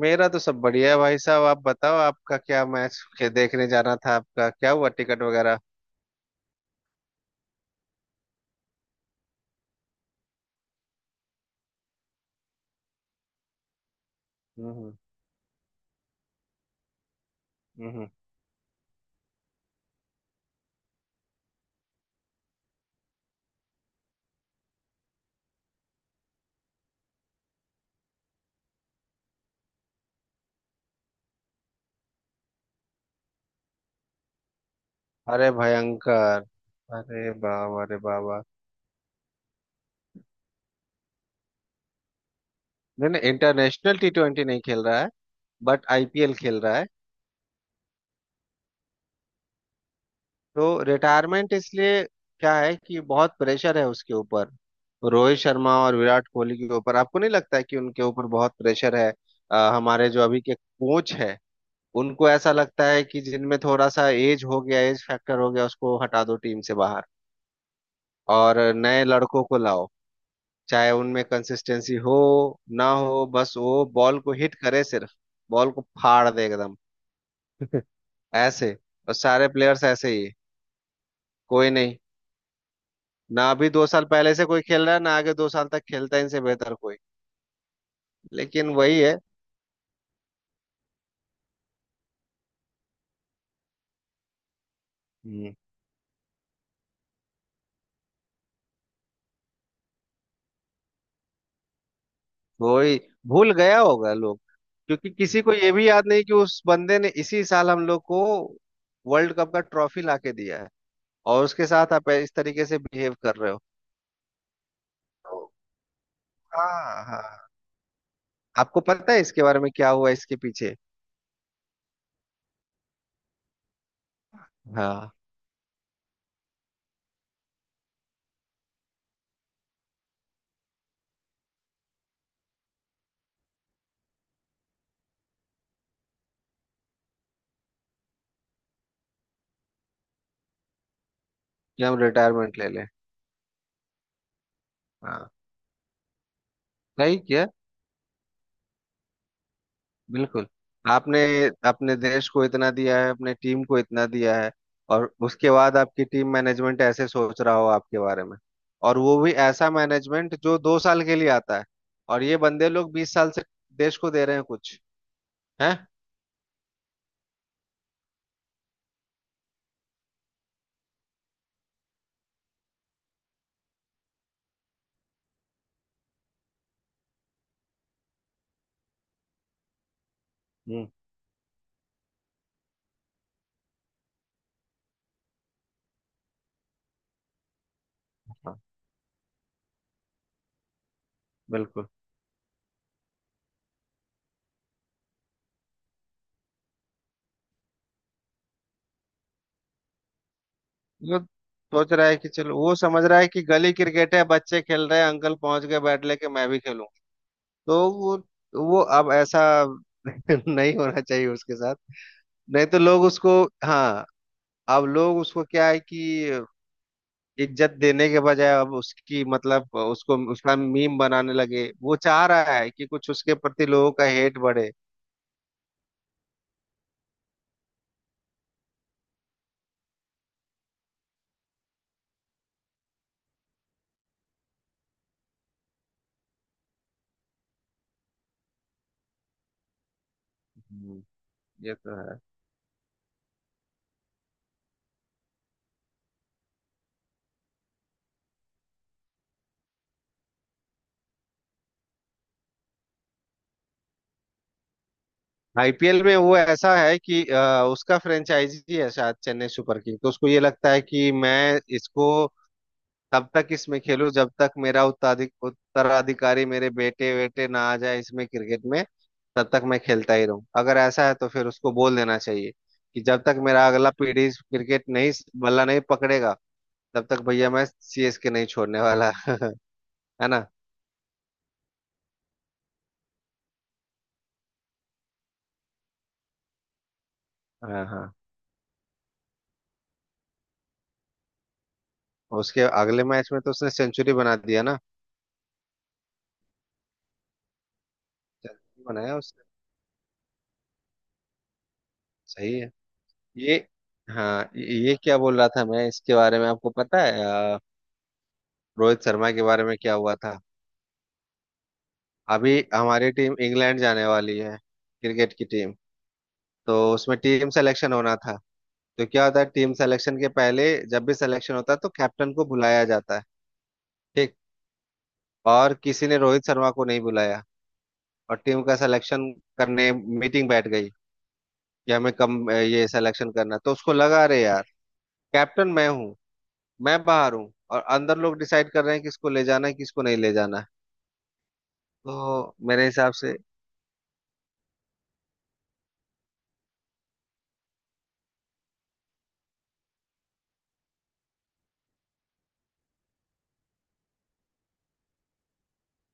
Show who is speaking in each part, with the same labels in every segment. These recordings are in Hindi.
Speaker 1: मेरा तो सब बढ़िया है भाई साहब। आप बताओ आपका क्या? मैच के देखने जाना था, आपका क्या हुआ टिकट वगैरह? हम्म। हम्म। अरे भयंकर। अरे बाबा, अरे बाबा। नहीं नहीं, इंटरनेशनल टी ट्वेंटी नहीं खेल रहा है। बट आईपीएल खेल रहा है। तो रिटायरमेंट इसलिए क्या है कि बहुत प्रेशर है उसके ऊपर। रोहित शर्मा और विराट कोहली के ऊपर आपको नहीं लगता है कि उनके ऊपर बहुत प्रेशर है? हमारे जो अभी के कोच है, उनको ऐसा लगता है कि जिनमें थोड़ा सा एज हो गया, एज फैक्टर हो गया, उसको हटा दो टीम से बाहर। और नए लड़कों को लाओ, चाहे उनमें कंसिस्टेंसी हो ना हो, बस वो बॉल को हिट करे सिर्फ, बॉल को फाड़ दे एकदम ऐसे। और सारे प्लेयर्स ऐसे ही है, कोई नहीं। ना अभी 2 साल पहले से कोई खेल रहा है, ना आगे 2 साल तक खेलता है इनसे बेहतर कोई। लेकिन वही है। हम्म। वही। भूल गया होगा लोग, क्योंकि किसी को ये भी याद नहीं कि उस बंदे ने इसी साल हम लोग को वर्ल्ड कप का ट्रॉफी लाके दिया है। और उसके साथ आप इस तरीके से बिहेव कर रहे हो। हाँ हाँ। आपको पता है इसके बारे में क्या हुआ इसके पीछे? हाँ। कि हम रिटायरमेंट ले लें। हाँ, सही किया बिल्कुल आपने। अपने देश को इतना दिया है, अपने टीम को इतना दिया है। और उसके बाद आपकी टीम मैनेजमेंट ऐसे सोच रहा हो आपके बारे में। और वो भी ऐसा मैनेजमेंट जो 2 साल के लिए आता है। और ये बंदे लोग 20 साल से देश को दे रहे हैं कुछ, है। हम्म। हाँ बिल्कुल। वो सोच रहा है कि चलो, वो समझ रहा है कि गली क्रिकेट है, बच्चे खेल रहे हैं, अंकल पहुंच गए बैट लेके, मैं भी खेलूं। तो वो अब ऐसा नहीं होना चाहिए उसके साथ। नहीं तो लोग उसको, हाँ, अब लोग उसको क्या है कि इज्जत देने के बजाय अब उसकी मतलब उसको उसका मीम बनाने लगे। वो चाह रहा है कि कुछ उसके प्रति लोगों का हेट बढ़े। हम्म। ये तो है। आईपीएल में वो ऐसा है कि उसका फ्रेंचाइजी है शायद चेन्नई सुपर किंग, तो उसको ये लगता है कि मैं इसको तब तक इसमें खेलूं जब तक मेरा उत्तराधिकारी, मेरे बेटे वेटे, ना आ जाए इसमें क्रिकेट में। तब तक मैं खेलता ही रहूं। अगर ऐसा है तो फिर उसको बोल देना चाहिए कि जब तक मेरा अगला पीढ़ी क्रिकेट नहीं, बल्ला नहीं पकड़ेगा, तब तक भैया मैं सीएसके नहीं छोड़ने वाला है ना। हाँ हाँ। उसके अगले मैच में तो उसने सेंचुरी बना दिया ना। सेंचुरी बनाया उसने। सही है ये। हाँ, ये क्या बोल रहा था मैं इसके बारे में, आपको पता है? अ, रोहित शर्मा के बारे में क्या हुआ था? अभी हमारी टीम इंग्लैंड जाने वाली है, क्रिकेट की टीम। तो उसमें टीम सिलेक्शन होना था। तो क्या होता है टीम सिलेक्शन के पहले, जब भी सिलेक्शन होता है तो कैप्टन को बुलाया जाता है, ठीक। और किसी ने रोहित शर्मा को नहीं बुलाया, और टीम का सिलेक्शन करने मीटिंग बैठ गई कि हमें कम ये सिलेक्शन करना। तो उसको लगा अरे यार, कैप्टन मैं हूँ, मैं बाहर हूँ और अंदर लोग डिसाइड कर रहे हैं किसको ले जाना है किसको नहीं ले जाना है। तो मेरे हिसाब से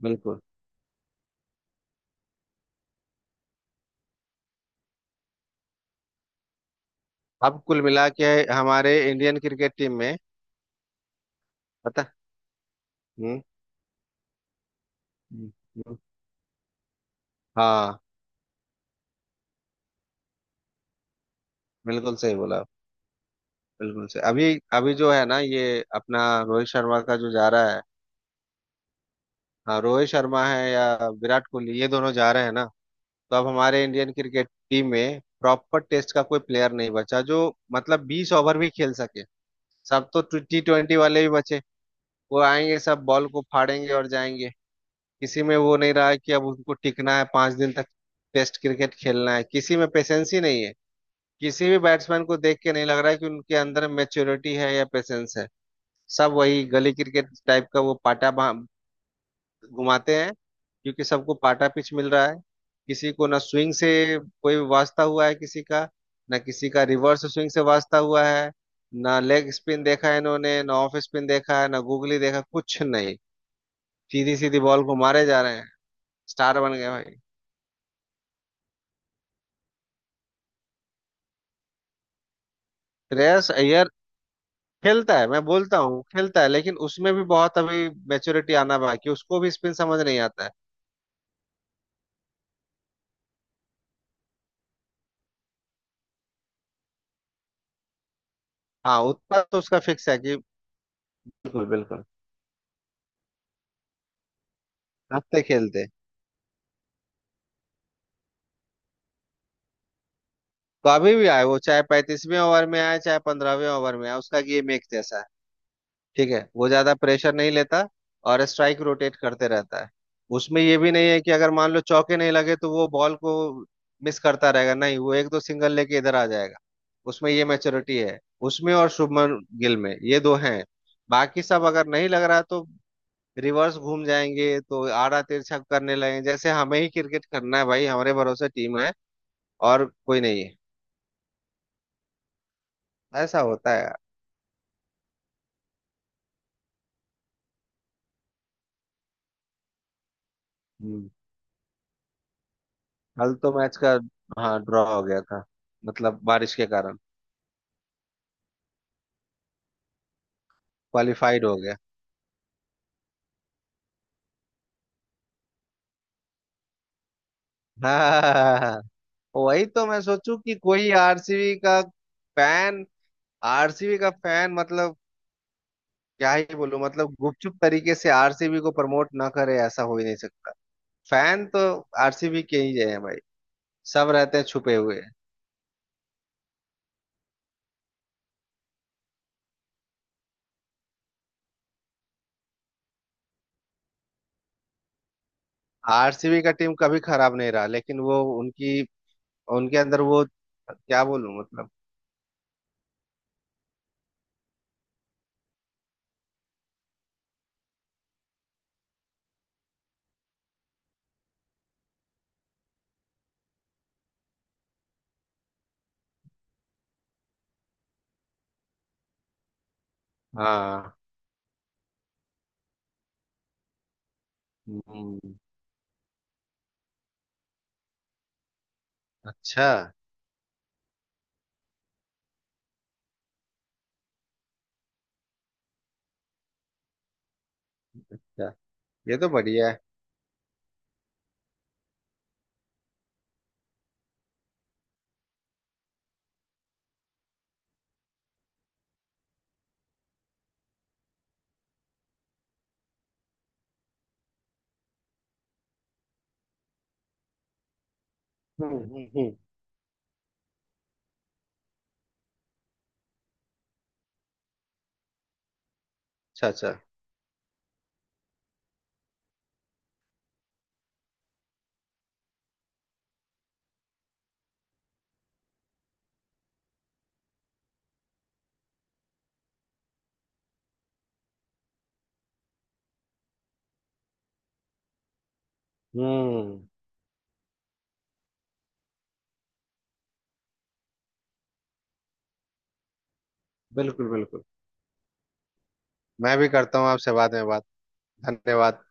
Speaker 1: बिल्कुल। अब कुल मिला के हमारे इंडियन क्रिकेट टीम में, पता। हम्म। हम्म। हम्म। हाँ, बिल्कुल सही बोला। बिल्कुल से अभी अभी जो है ना, ये अपना रोहित शर्मा का जो जा रहा है, हाँ, रोहित शर्मा है या विराट कोहली, ये दोनों जा रहे हैं ना। तो अब हमारे इंडियन क्रिकेट टीम में प्रॉपर टेस्ट का कोई प्लेयर नहीं बचा जो मतलब 20 ओवर भी खेल सके। सब तो टी ट्वेंटी वाले ही बचे। वो आएंगे, सब बॉल को फाड़ेंगे और जाएंगे। किसी में वो नहीं रहा है कि अब उनको टिकना है 5 दिन तक। टेस्ट क्रिकेट खेलना है, किसी में पेशेंस ही नहीं है। किसी भी बैट्समैन को देख के नहीं लग रहा है कि उनके अंदर मेच्योरिटी है या पेशेंस है। सब वही गली क्रिकेट टाइप का वो पाटा घुमाते हैं, क्योंकि सबको पाटा पिच मिल रहा है। किसी को ना स्विंग से कोई वास्ता हुआ है किसी का, ना किसी का रिवर्स स्विंग से वास्ता हुआ है, ना लेग स्पिन देखा है इन्होंने, ना ऑफ स्पिन देखा है, ना गूगली देखा, कुछ नहीं। सीधी सीधी बॉल को मारे जा रहे हैं। स्टार बन गए भाई। श्रेयस अय्यर खेलता है, मैं बोलता हूँ खेलता है, लेकिन उसमें भी बहुत अभी मेच्योरिटी आना बाकी, उसको भी स्पिन समझ नहीं आता है। हाँ, उत्पात तो उसका फिक्स है कि बिल्कुल बिल्कुल। हंसते खेलते। तो अभी भी आए वो, चाहे 35वें ओवर में आए चाहे 15वें ओवर में आए, उसका गेम एक जैसा है। ठीक है, वो ज्यादा प्रेशर नहीं लेता, और स्ट्राइक रोटेट करते रहता है। उसमें ये भी नहीं है कि अगर मान लो चौके नहीं लगे तो वो बॉल को मिस करता रहेगा। नहीं, वो एक दो सिंगल लेके इधर आ जाएगा। उसमें ये मैच्योरिटी है। उसमें और शुभमन गिल में ये दो हैं। बाकी सब, अगर नहीं लग रहा तो रिवर्स घूम जाएंगे, तो आड़ा तिरछा करने लगेंगे जैसे हमें ही क्रिकेट करना है भाई, हमारे भरोसे टीम है। और कोई नहीं है। ऐसा होता है यार। हम्म। कल तो मैच का, हाँ, ड्रॉ हो गया था, मतलब बारिश के कारण। क्वालिफाइड हो गया हाँ, वही तो मैं सोचूं कि कोई आरसीबी का फैन, आरसीबी का फैन मतलब क्या ही बोलूं, मतलब गुपचुप तरीके से आरसीबी को प्रमोट ना करे ऐसा हो ही नहीं सकता। फैन तो आरसीबी के ही हैं भाई। सब रहते हैं छुपे हुए। आरसीबी का टीम कभी खराब नहीं रहा, लेकिन वो उनकी, उनके अंदर वो क्या बोलूं मतलब। हाँ। हम्म। अच्छा अच्छा। ये तो बढ़िया है। हम्म। हम्म। हम्म। अच्छा अच्छा। हम्म। बिल्कुल बिल्कुल। मैं भी करता हूँ आपसे बाद में बात। धन्यवाद।